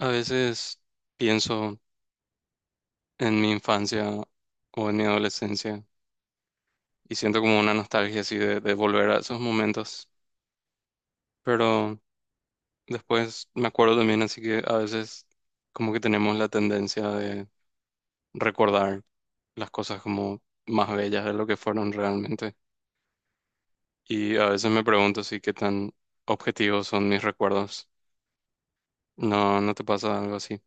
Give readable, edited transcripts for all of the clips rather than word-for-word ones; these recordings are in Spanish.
A veces pienso en mi infancia o en mi adolescencia y siento como una nostalgia así de volver a esos momentos. Pero después me acuerdo también, así que a veces como que tenemos la tendencia de recordar las cosas como más bellas de lo que fueron realmente. Y a veces me pregunto si qué tan objetivos son mis recuerdos. No, ¿no te pasa algo así?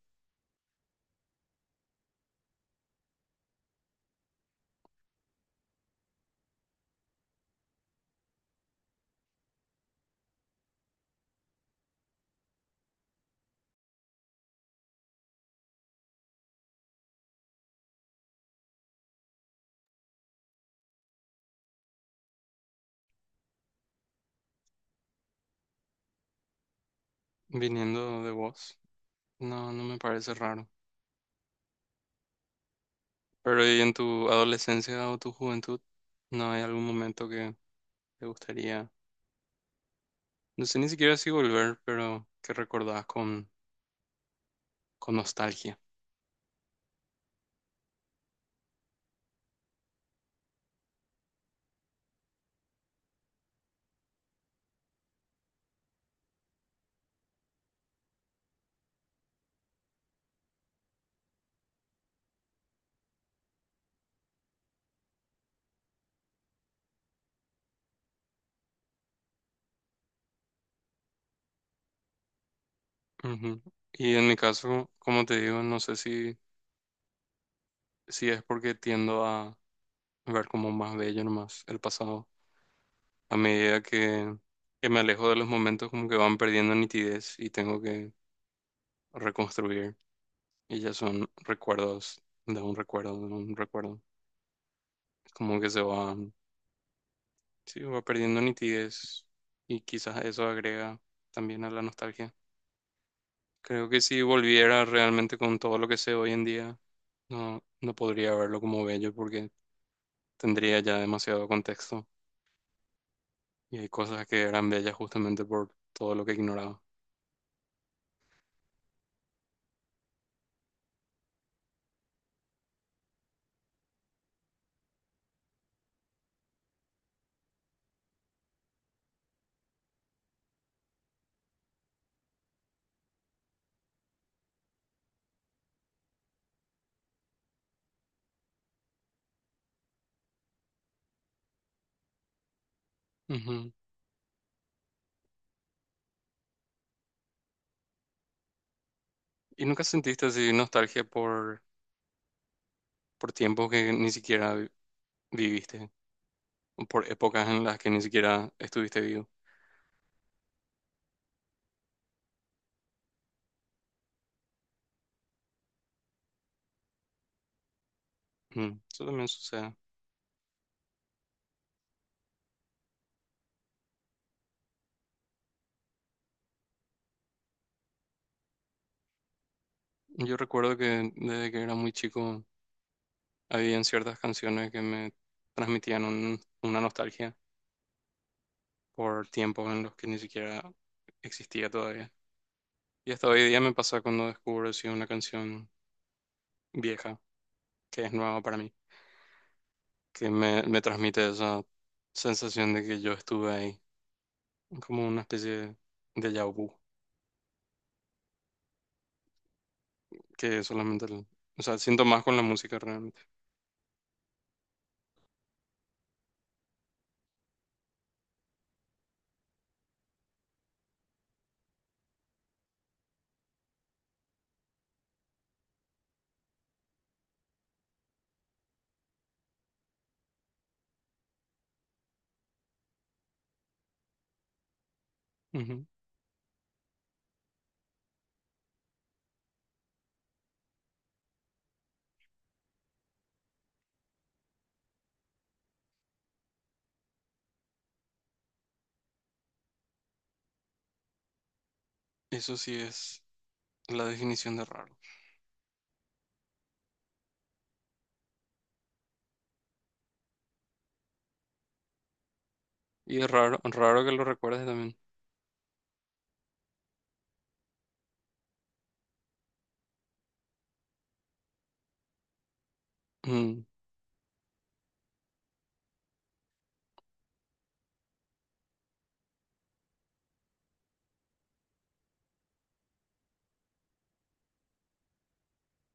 Viniendo de vos, no, no me parece raro. Pero ¿y en tu adolescencia o tu juventud no hay algún momento que te gustaría, no sé ni siquiera si volver, pero que recordás con nostalgia? Ujú. Y en mi caso, como te digo, no sé si es porque tiendo a ver como más bello nomás el pasado. A medida que me alejo de los momentos, como que van perdiendo nitidez y tengo que reconstruir. Y ya son recuerdos de un recuerdo, de un recuerdo. Es como que se va. Sí, va perdiendo nitidez y quizás eso agrega también a la nostalgia. Creo que si volviera realmente con todo lo que sé hoy en día, no, no podría verlo como bello porque tendría ya demasiado contexto y hay cosas que eran bellas justamente por todo lo que ignoraba. Ujú. ¿Y nunca sentiste así nostalgia por tiempos que ni siquiera viviste o por épocas en las que ni siquiera estuviste vivo? Ujú. Eso también sucede. Yo recuerdo que desde que era muy chico habían ciertas canciones que me transmitían una nostalgia por tiempos en los que ni siquiera existía todavía. Y hasta hoy día me pasa cuando descubro si una canción vieja, que es nueva para mí, que me transmite esa sensación de que yo estuve ahí, como una especie de déjà vu, que solamente, o sea, siento más con la música realmente. Ujú. Eso sí es la definición de raro. Y es raro, raro que lo recuerdes también. Mm.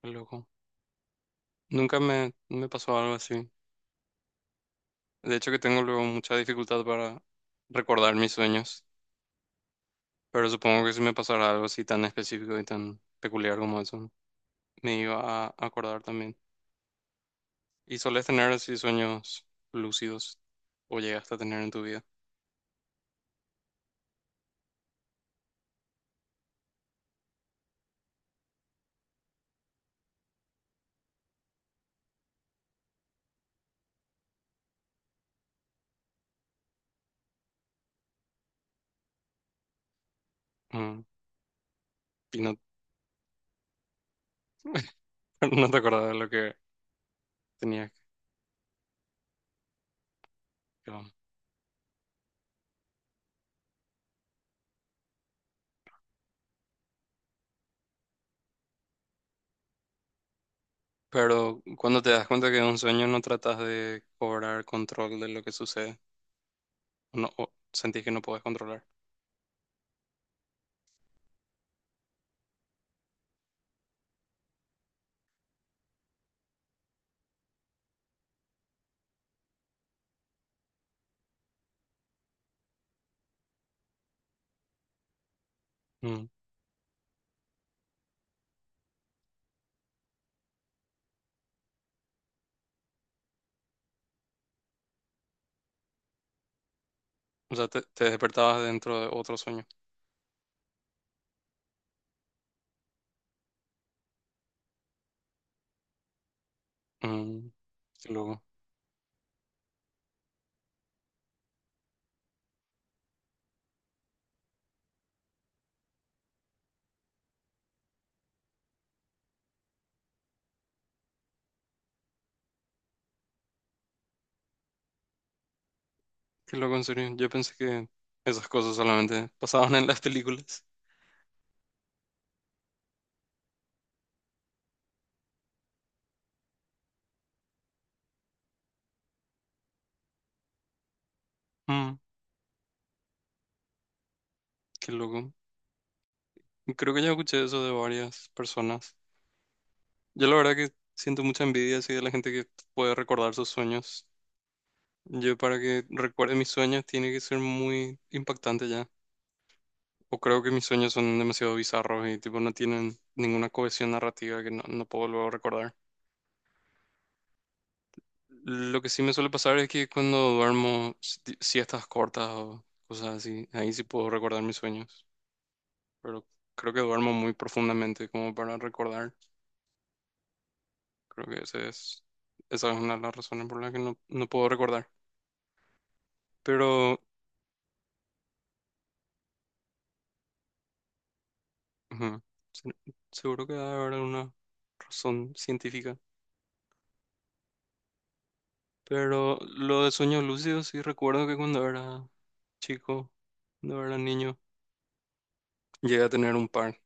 Qué loco. Nunca me pasó algo así. De hecho que tengo luego mucha dificultad para recordar mis sueños, pero supongo que si me pasara algo así tan específico y tan peculiar como eso, me iba a acordar también. ¿Y solés tener así sueños lúcidos o llegaste a tener en tu vida? Mm. Y no, no te acordás de lo que tenías. que- um, Pero cuando te das cuenta que es un sueño no tratas de cobrar control de lo que sucede, no, o sentís que no podés controlar. Mm. O sea, te despertabas dentro de otro sueño. Mm. Qué loco. Qué loco, en serio. Yo pensé que esas cosas solamente pasaban en las películas. Mm. Qué loco. Creo que ya escuché eso de varias personas. Yo la verdad que siento mucha envidia así de la gente que puede recordar sus sueños. Yo para que recuerde mis sueños tiene que ser muy impactante ya. O creo que mis sueños son demasiado bizarros y tipo no tienen ninguna cohesión narrativa que no, no puedo luego recordar. Lo que sí me suele pasar es que cuando duermo siestas cortas o cosas así, ahí sí puedo recordar mis sueños. Pero creo que duermo muy profundamente como para recordar. Creo que ese es, esa es una de las razones por las que no, no puedo recordar. Pero ujú, se- seguro que debe haber una razón científica. Pero lo de sueños lúcidos sí recuerdo que cuando era chico, cuando era niño, llegué a tener un par.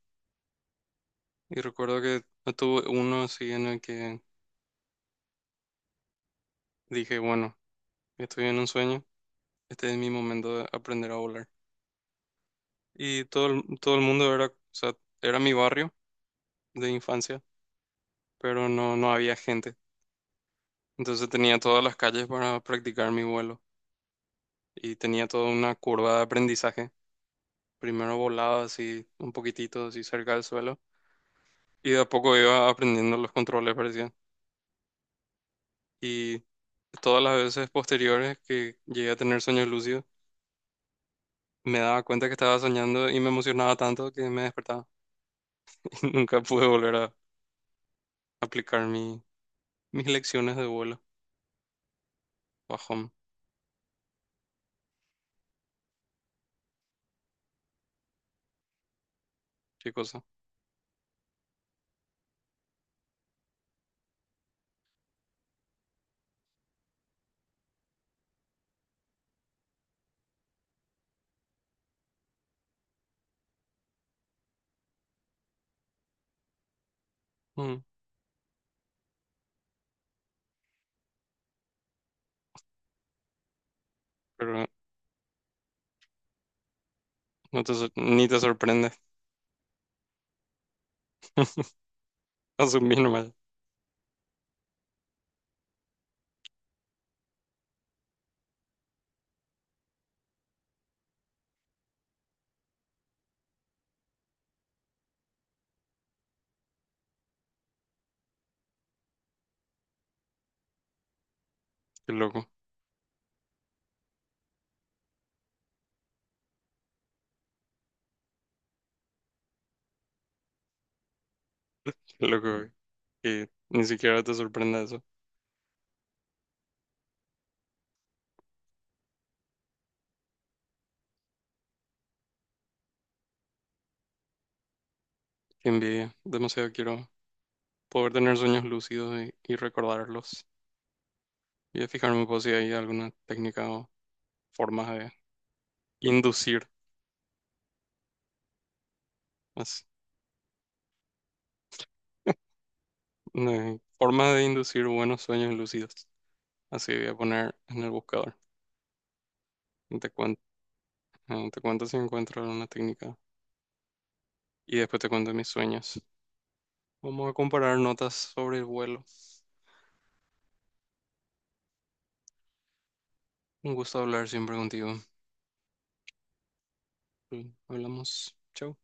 Y recuerdo que no tuve uno así en el que dije, bueno, estoy en un sueño, este es mi momento de aprender a volar. Y todo, todo el mundo era, o sea, era mi barrio de infancia, pero no, no había gente. Entonces tenía todas las calles para practicar mi vuelo y tenía toda una curva de aprendizaje. Primero volaba así un poquitito, así cerca del suelo y de a poco iba aprendiendo los controles, parecía. Y todas las veces posteriores que llegué a tener sueños lúcidos, me daba cuenta que estaba soñando y me emocionaba tanto que me despertaba y nunca pude volver a aplicar mi, mis lecciones de vuelo. Bajón, qué cosa. Mm. Pero ni te sorprende. Asumí nomás. Qué loco, qué loco, güey. Que ni siquiera te sorprenda eso. Qué envidia. Demasiado quiero poder tener sueños lúcidos y recordarlos. Y de fijarme pues, si hay alguna técnica o formas de inducir, más, no, formas de inducir buenos sueños lúcidos. Así voy a poner en el buscador. Y te cuento si encuentro alguna técnica. Y después te cuento mis sueños. Vamos a comparar notas sobre el vuelo. Un gusto hablar siempre contigo. Hablamos. Chao.